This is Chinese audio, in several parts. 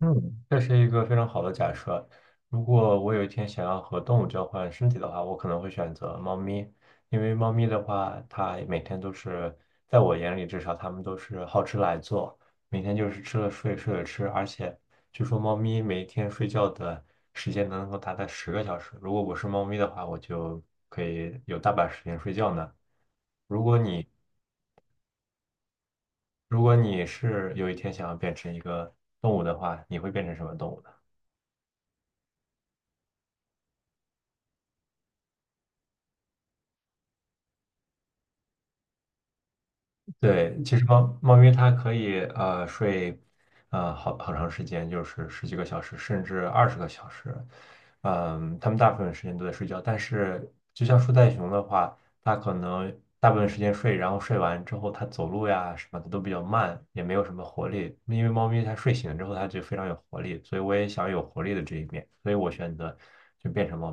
嗯，这是一个非常好的假设。如果我有一天想要和动物交换身体的话，我可能会选择猫咪，因为猫咪的话，它每天都是，在我眼里至少，它们都是好吃懒做，每天就是吃了睡，睡了吃。而且据说猫咪每天睡觉的时间能够达到十个小时。如果我是猫咪的话，我就可以有大把时间睡觉呢。如果你如果你是有一天想要变成一个动物的话，你会变成什么动物呢？对，其实猫咪它可以睡好长时间，就是十几个小时，甚至20个小时。它们大部分时间都在睡觉，但是就像树袋熊的话，它可能大部分时间睡，然后睡完之后它走路呀什么的都比较慢，也没有什么活力。因为猫咪它睡醒之后它就非常有活力，所以我也想有活力的这一面，所以我选择就变成猫。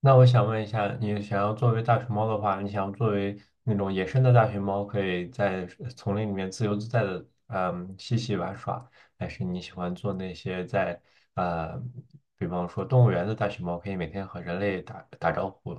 那我想问一下，你想要作为大熊猫的话，你想要作为那种野生的大熊猫，可以在丛林里面自由自在的，嬉戏玩耍，还是你喜欢做那些在，呃，比方说动物园的大熊猫，可以每天和人类打打招呼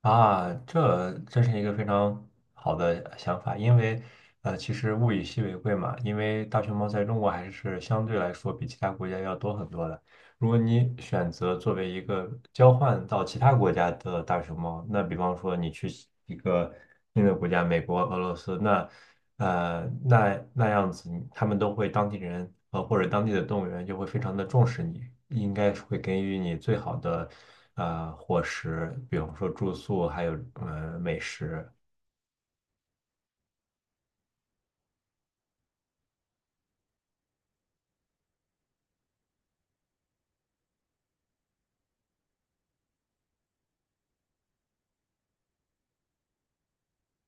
啊？这是一个非常好的想法，因为，其实物以稀为贵嘛，因为大熊猫在中国还是相对来说比其他国家要多很多的。如果你选择作为一个交换到其他国家的大熊猫，那比方说你去一个新的国家，美国、俄罗斯，那那样子你他们都会当地人或者当地的动物园就会非常的重视你，应该是会给予你最好的伙食，比方说住宿，还有美食。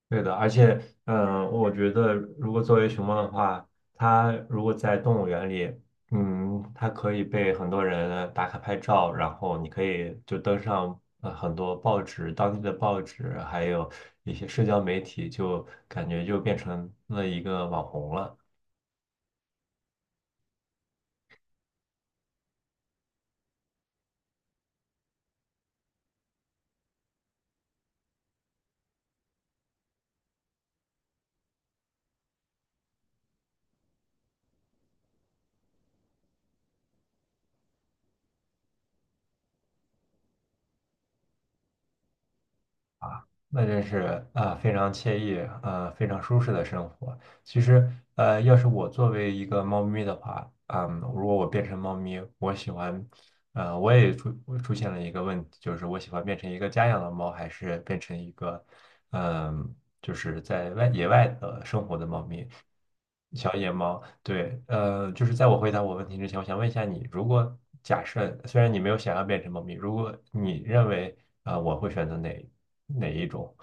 对的，而且，我觉得如果作为熊猫的话，它如果在动物园里，它可以被很多人打卡拍照，然后你可以就登上很多报纸，当地的报纸，还有一些社交媒体，就感觉就变成了一个网红了。那真是啊，非常惬意啊，非常舒适的生活。其实，要是我作为一个猫咪的话，如果我变成猫咪，我喜欢，呃，我也出我出现了一个问题，就是我喜欢变成一个家养的猫，还是变成一个，嗯，就是野外的生活的猫咪，小野猫。对，就是在我回答我问题之前，我想问一下你，如果假设虽然你没有想要变成猫咪，如果你认为啊，我会选择哪一种？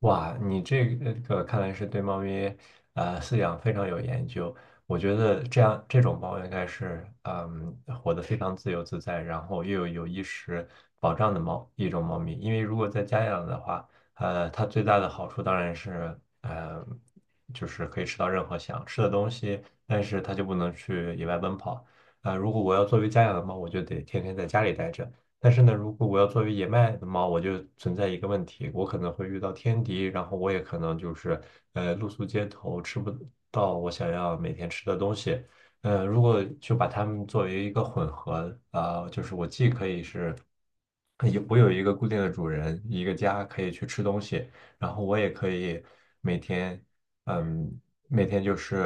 哇，你这个看来是对猫咪饲养非常有研究。我觉得这种猫应该是活得非常自由自在，然后又有衣食保障的一种猫咪。因为如果在家养的话，它最大的好处当然是呃就是可以吃到任何想吃的东西，但是它就不能去野外奔跑。如果我要作为家养的猫，我就得天天在家里待着。但是呢，如果我要作为野麦的猫，我就存在一个问题，我可能会遇到天敌，然后我也可能就是露宿街头，吃不到我想要每天吃的东西。如果就把它们作为一个混合就是我既可以是有一个固定的主人，一个家可以去吃东西，然后我也可以每天嗯每天就是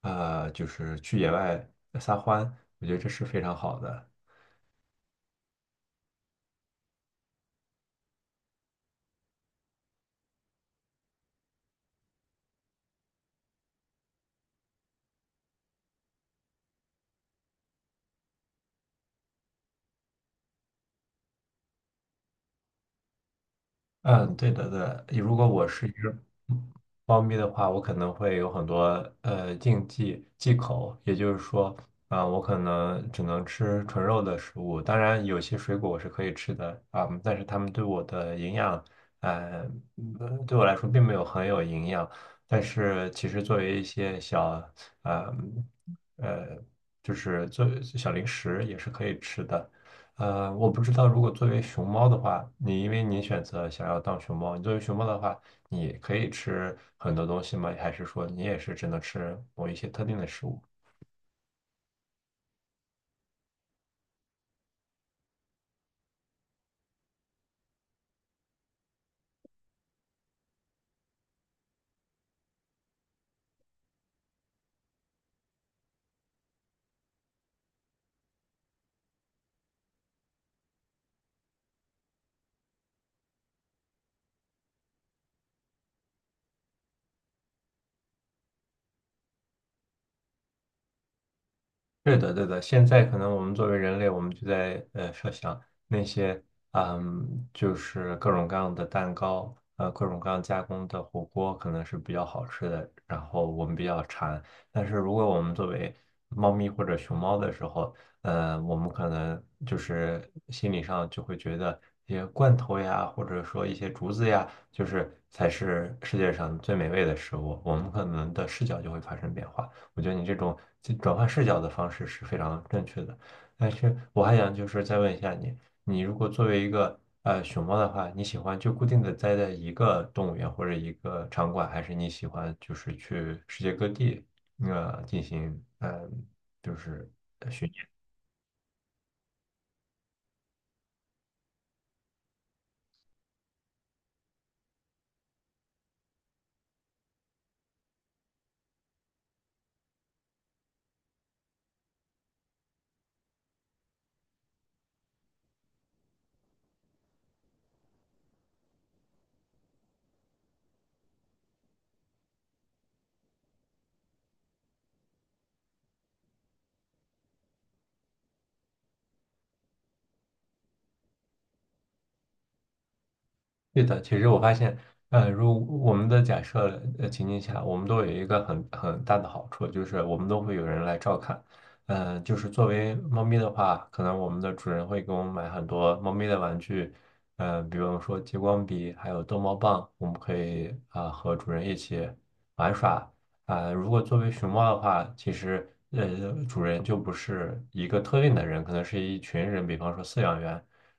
呃就是去野外撒欢，我觉得这是非常好的。嗯，对的，对的。如果我是一只猫咪的话，我可能会有很多禁忌忌口，也就是说，我可能只能吃纯肉的食物。当然，有些水果我是可以吃的啊、但是它们对我的营养，呃，对我来说并没有很有营养。但是其实作为一些小，呃，嗯呃，就是做小零食也是可以吃的。我不知道，如果作为熊猫的话，因为你选择想要当熊猫，你作为熊猫的话，你可以吃很多东西吗？还是说你也是只能吃某一些特定的食物？是的，对的。现在可能我们作为人类，我们就在设想那些，就是各种各样的蛋糕，各种各样加工的火锅可能是比较好吃的，然后我们比较馋。但是如果我们作为猫咪或者熊猫的时候，我们可能就是心理上就会觉得一些罐头呀，或者说一些竹子呀，就是才是世界上最美味的食物，我们可能的视角就会发生变化。我觉得你这种转换视角的方式是非常正确的。但是我还想就是再问一下你，你如果作为一个熊猫的话，你喜欢就固定的待在一个动物园或者一个场馆，还是你喜欢就是去世界各地进行就是对的，其实我发现，如我们的假设情境下，我们都有一个很大的好处，就是我们都会有人来照看。就是作为猫咪的话，可能我们的主人会给我们买很多猫咪的玩具，比方说激光笔，还有逗猫棒，我们可以和主人一起玩耍。如果作为熊猫的话，其实主人就不是一个特定的人，可能是一群人，比方说饲养员。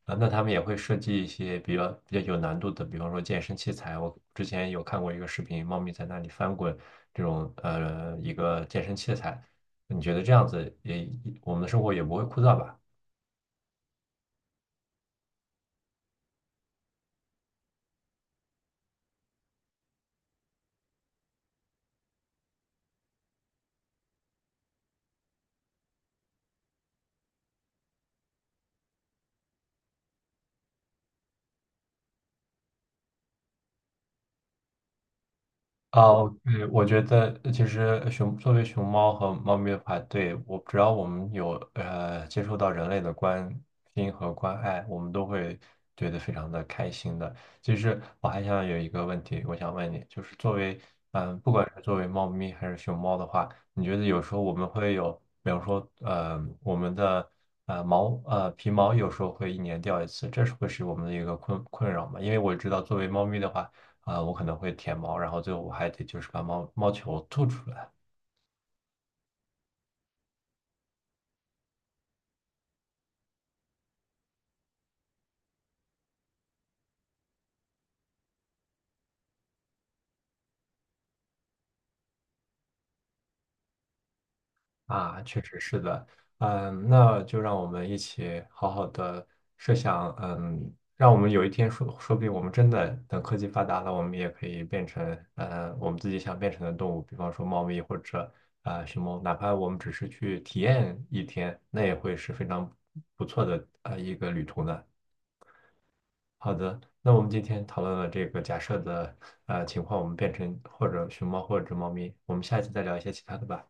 那他们也会设计一些比较有难度的，比方说健身器材。我之前有看过一个视频，猫咪在那里翻滚这种一个健身器材。你觉得这样子也我们的生活也不会枯燥吧？哦，对，我觉得其实作为熊猫和猫咪的话，对，我只要我们有接触到人类的关心和关爱，我们都会觉得非常的开心的。其实我还想有一个问题，我想问你，就是作为嗯、呃不管是作为猫咪还是熊猫的话，你觉得有时候我们会有，比方说我们的皮毛有时候会一年掉一次，会是我们的一个困扰嘛？因为我知道作为猫咪的话。我可能会舔猫，然后最后我还得就是把猫猫球吐出来啊，确实是的，那就让我们一起好好的设想，让我们有一天说，说不定我们真的等科技发达了，我们也可以变成，我们自己想变成的动物，比方说猫咪或者熊猫，哪怕我们只是去体验一天，那也会是非常不错的啊一个旅途呢。好的，那我们今天讨论了这个假设的情况，我们变成或者熊猫或者猫咪，我们下一次再聊一些其他的吧。